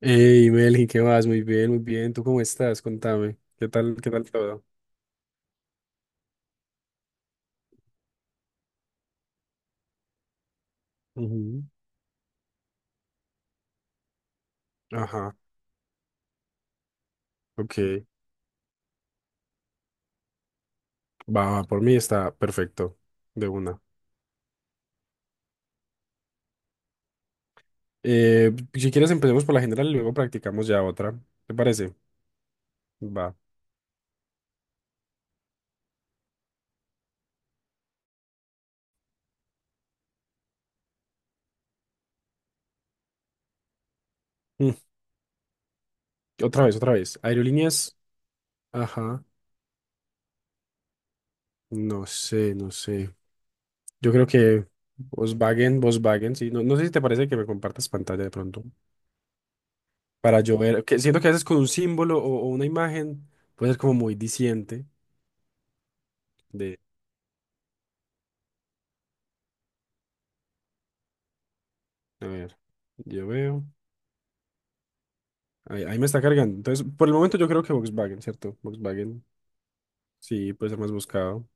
Hey, Melqui, ¿qué vas? Muy bien, muy bien. ¿Tú cómo estás? Contame. Qué tal todo? Ujú. Ajá, ok. Va, va, por mí está perfecto. De una. Si quieres empecemos por la general y luego practicamos ya otra. ¿Te parece? Va. Mm, Otra vez, otra vez. Aerolíneas. Ajá. No sé, no sé. Yo creo que Volkswagen, Volkswagen, sí. No, no sé si te parece que me compartas pantalla de pronto. Para yo ver, que siento que a veces con un símbolo o una imagen puede ser como muy diciente. A ver, yo veo. Ahí, ahí me está cargando. Entonces, por el momento yo creo que Volkswagen, ¿cierto? Volkswagen, sí, puede ser más buscado.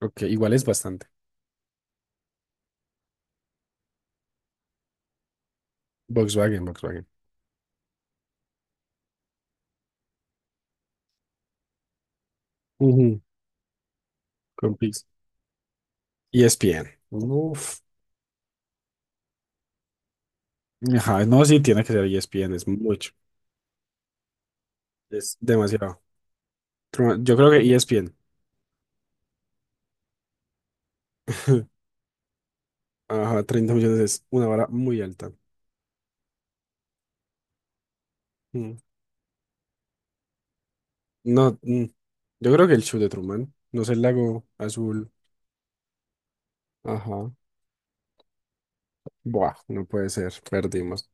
Ok, igual es bastante. Volkswagen, Volkswagen. Ujú. Con Pix. ESPN. Uf. Ajá, no, sí, tiene que ser ESPN, es mucho. Es demasiado. Yo creo que ESPN. Ajá, 30 millones es una vara muy alta. Mm. No, yo creo que el show de Truman, no sé, el lago azul. Ajá. Buah, no puede ser, perdimos.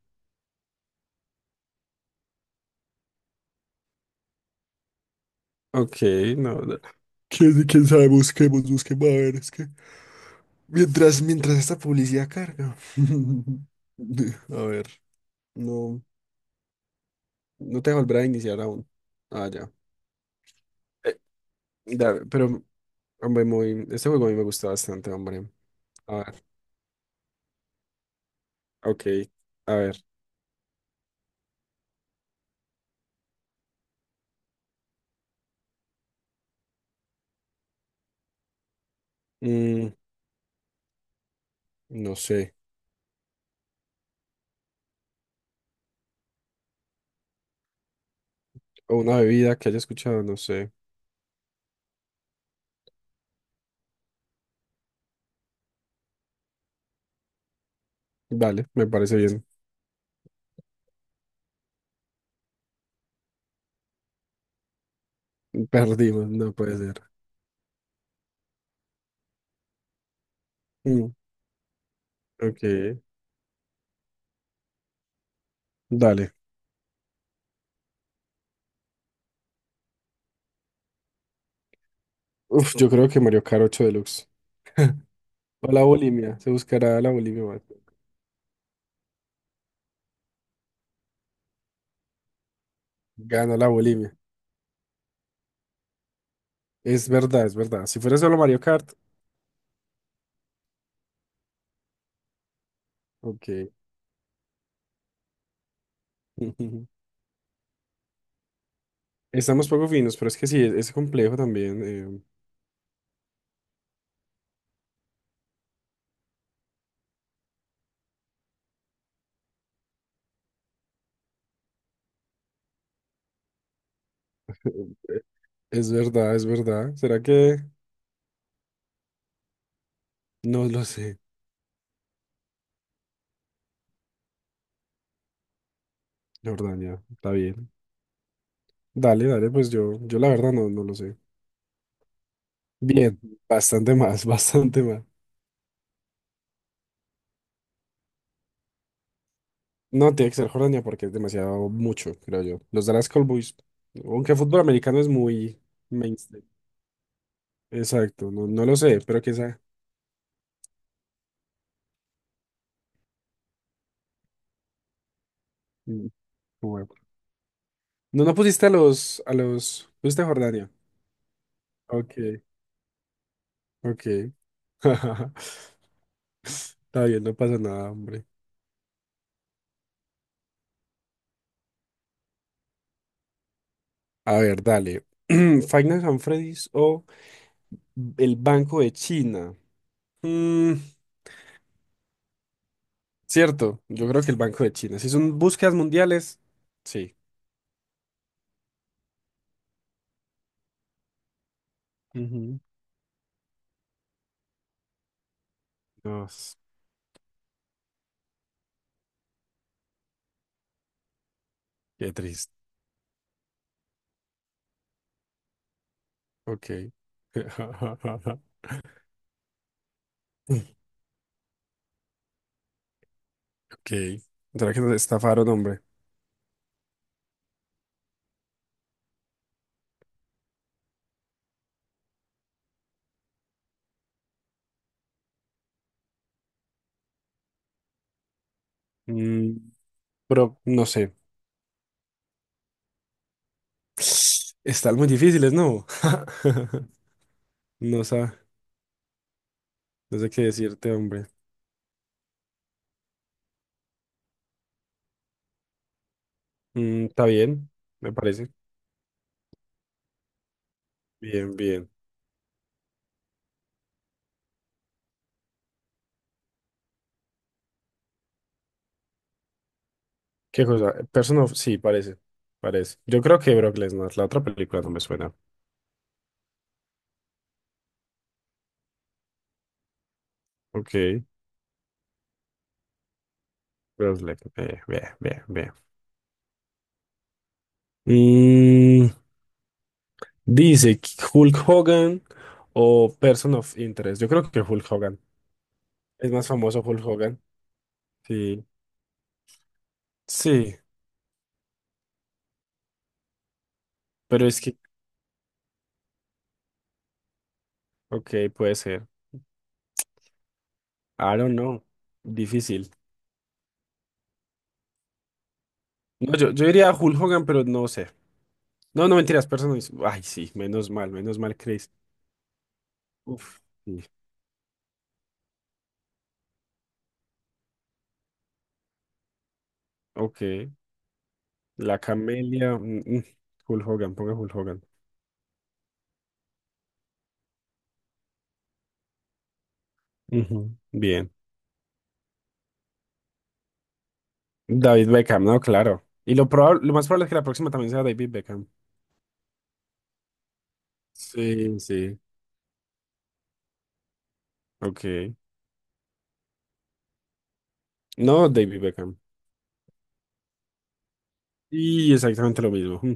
Ok, no. ¿Quién sabe? Busquemos, busquemos. A ver, es que... Mientras esta publicidad carga. A ver, no, no te volverá a iniciar aún. Ah, ya. Eh, pero, hombre, muy... Este juego a mí me gusta bastante, hombre. A ver, ok. A ver. mm, no sé. O una bebida que haya escuchado, no sé. Dale, me parece bien. Perdimos, no puede ser. Mm, ok, dale. Uf, yo creo que Mario Kart 8 Deluxe. O la bulimia, se buscará la bulimia. Ganó la bulimia. Es verdad, es verdad. Si fuera solo Mario Kart, ok. Estamos poco finos, pero es que sí, es complejo también. eh, es verdad, es verdad. ¿Será que...? No lo sé. La verdad, ya, está bien. Dale, dale, pues yo la verdad no lo sé. Bien, bastante más, bastante más. No, tiene que ser Jordania porque es demasiado mucho, creo yo. Los Dallas Cowboys, aunque fútbol americano es muy mainstream. Exacto, no, no lo sé, pero que sea. No, no pusiste a los, no pusiste a Jordania. Ok, ok. Está bien, no pasa nada, hombre. A ver, dale. Finance and Freddy's o el Banco de China. Mm, cierto, yo creo que el Banco de China. Si son búsquedas mundiales, sí. Ujú. Dios, qué triste. Ok. Ok. ¿Será que nos estafaron, hombre? Mm, pero no sé. Están muy difíciles, ¿no? No sé. No sé qué decirte, hombre. Está bien, me parece. Bien, bien. ¿Qué cosa? Person of... Sí, parece. Parece. Yo creo que Brock Lesnar. La otra película no me suena. Ok. Brock Lesnar. Bien, bien, bien. Mm, Dice Hulk Hogan o Person of Interest. Yo creo que Hulk Hogan. Es más famoso Hulk Hogan. Sí. Sí. Pero es que... Ok, puede ser. I don't know. Difícil. No, yo diría Hulk Hogan, pero no sé. No, no mentiras, personas. Ay, sí, menos mal, Chris. Uf. Sí, ok. La Camelia. Hulk Hogan, ponga Hulk Hogan. Ujú. Bien. David Beckham, no, claro. Y lo más probable es que la próxima también sea David Beckham. Sí, sí. Ok. No, David Beckham. Y exactamente lo mismo. Mm.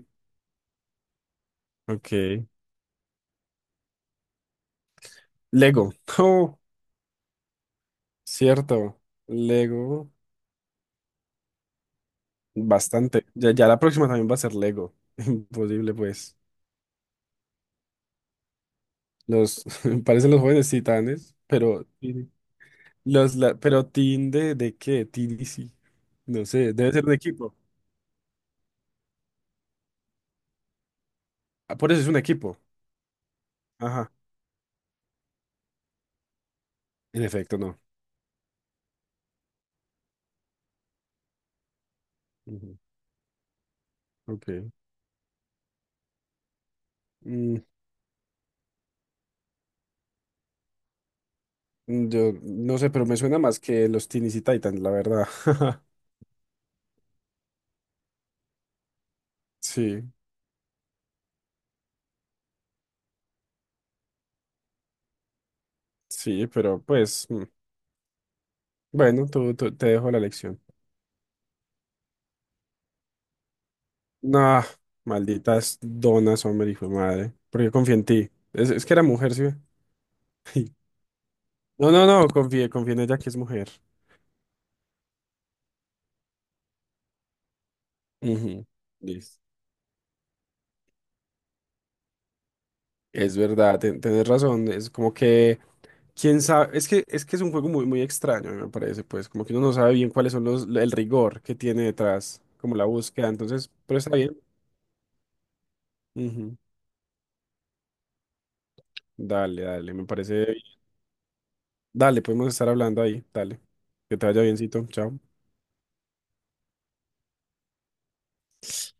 Ok. Lego. Oh, cierto. Lego. Bastante. Ya, ya la próxima también va a ser Lego. Imposible, pues. Los parecen los jóvenes titanes, pero Teen- pero team de qué? TDC. No sé, debe ser un equipo. Ah, por eso es un equipo. Ajá. En efecto, no. Ujú. Ok. Mm, yo no sé, pero me suena más que los Teens y Titans, la verdad. Sí, sí, pero pues, bueno, te dejo la lección. Nah, malditas donas, hombre, hijo de madre. Porque confié en ti. Es que era mujer, ¿sí? ¿Ve? No, no, no, confié en ella que es mujer. Ujú. Listo. Es verdad, tenés razón, es como que, quién sabe, es que es un juego muy muy extraño, me parece, pues, como que uno no sabe bien cuáles son los el rigor que tiene detrás, como la búsqueda, entonces, pero está bien. Ujú. Dale, dale, me parece bien. Dale, podemos estar hablando ahí, dale. Que te vaya biencito, chao.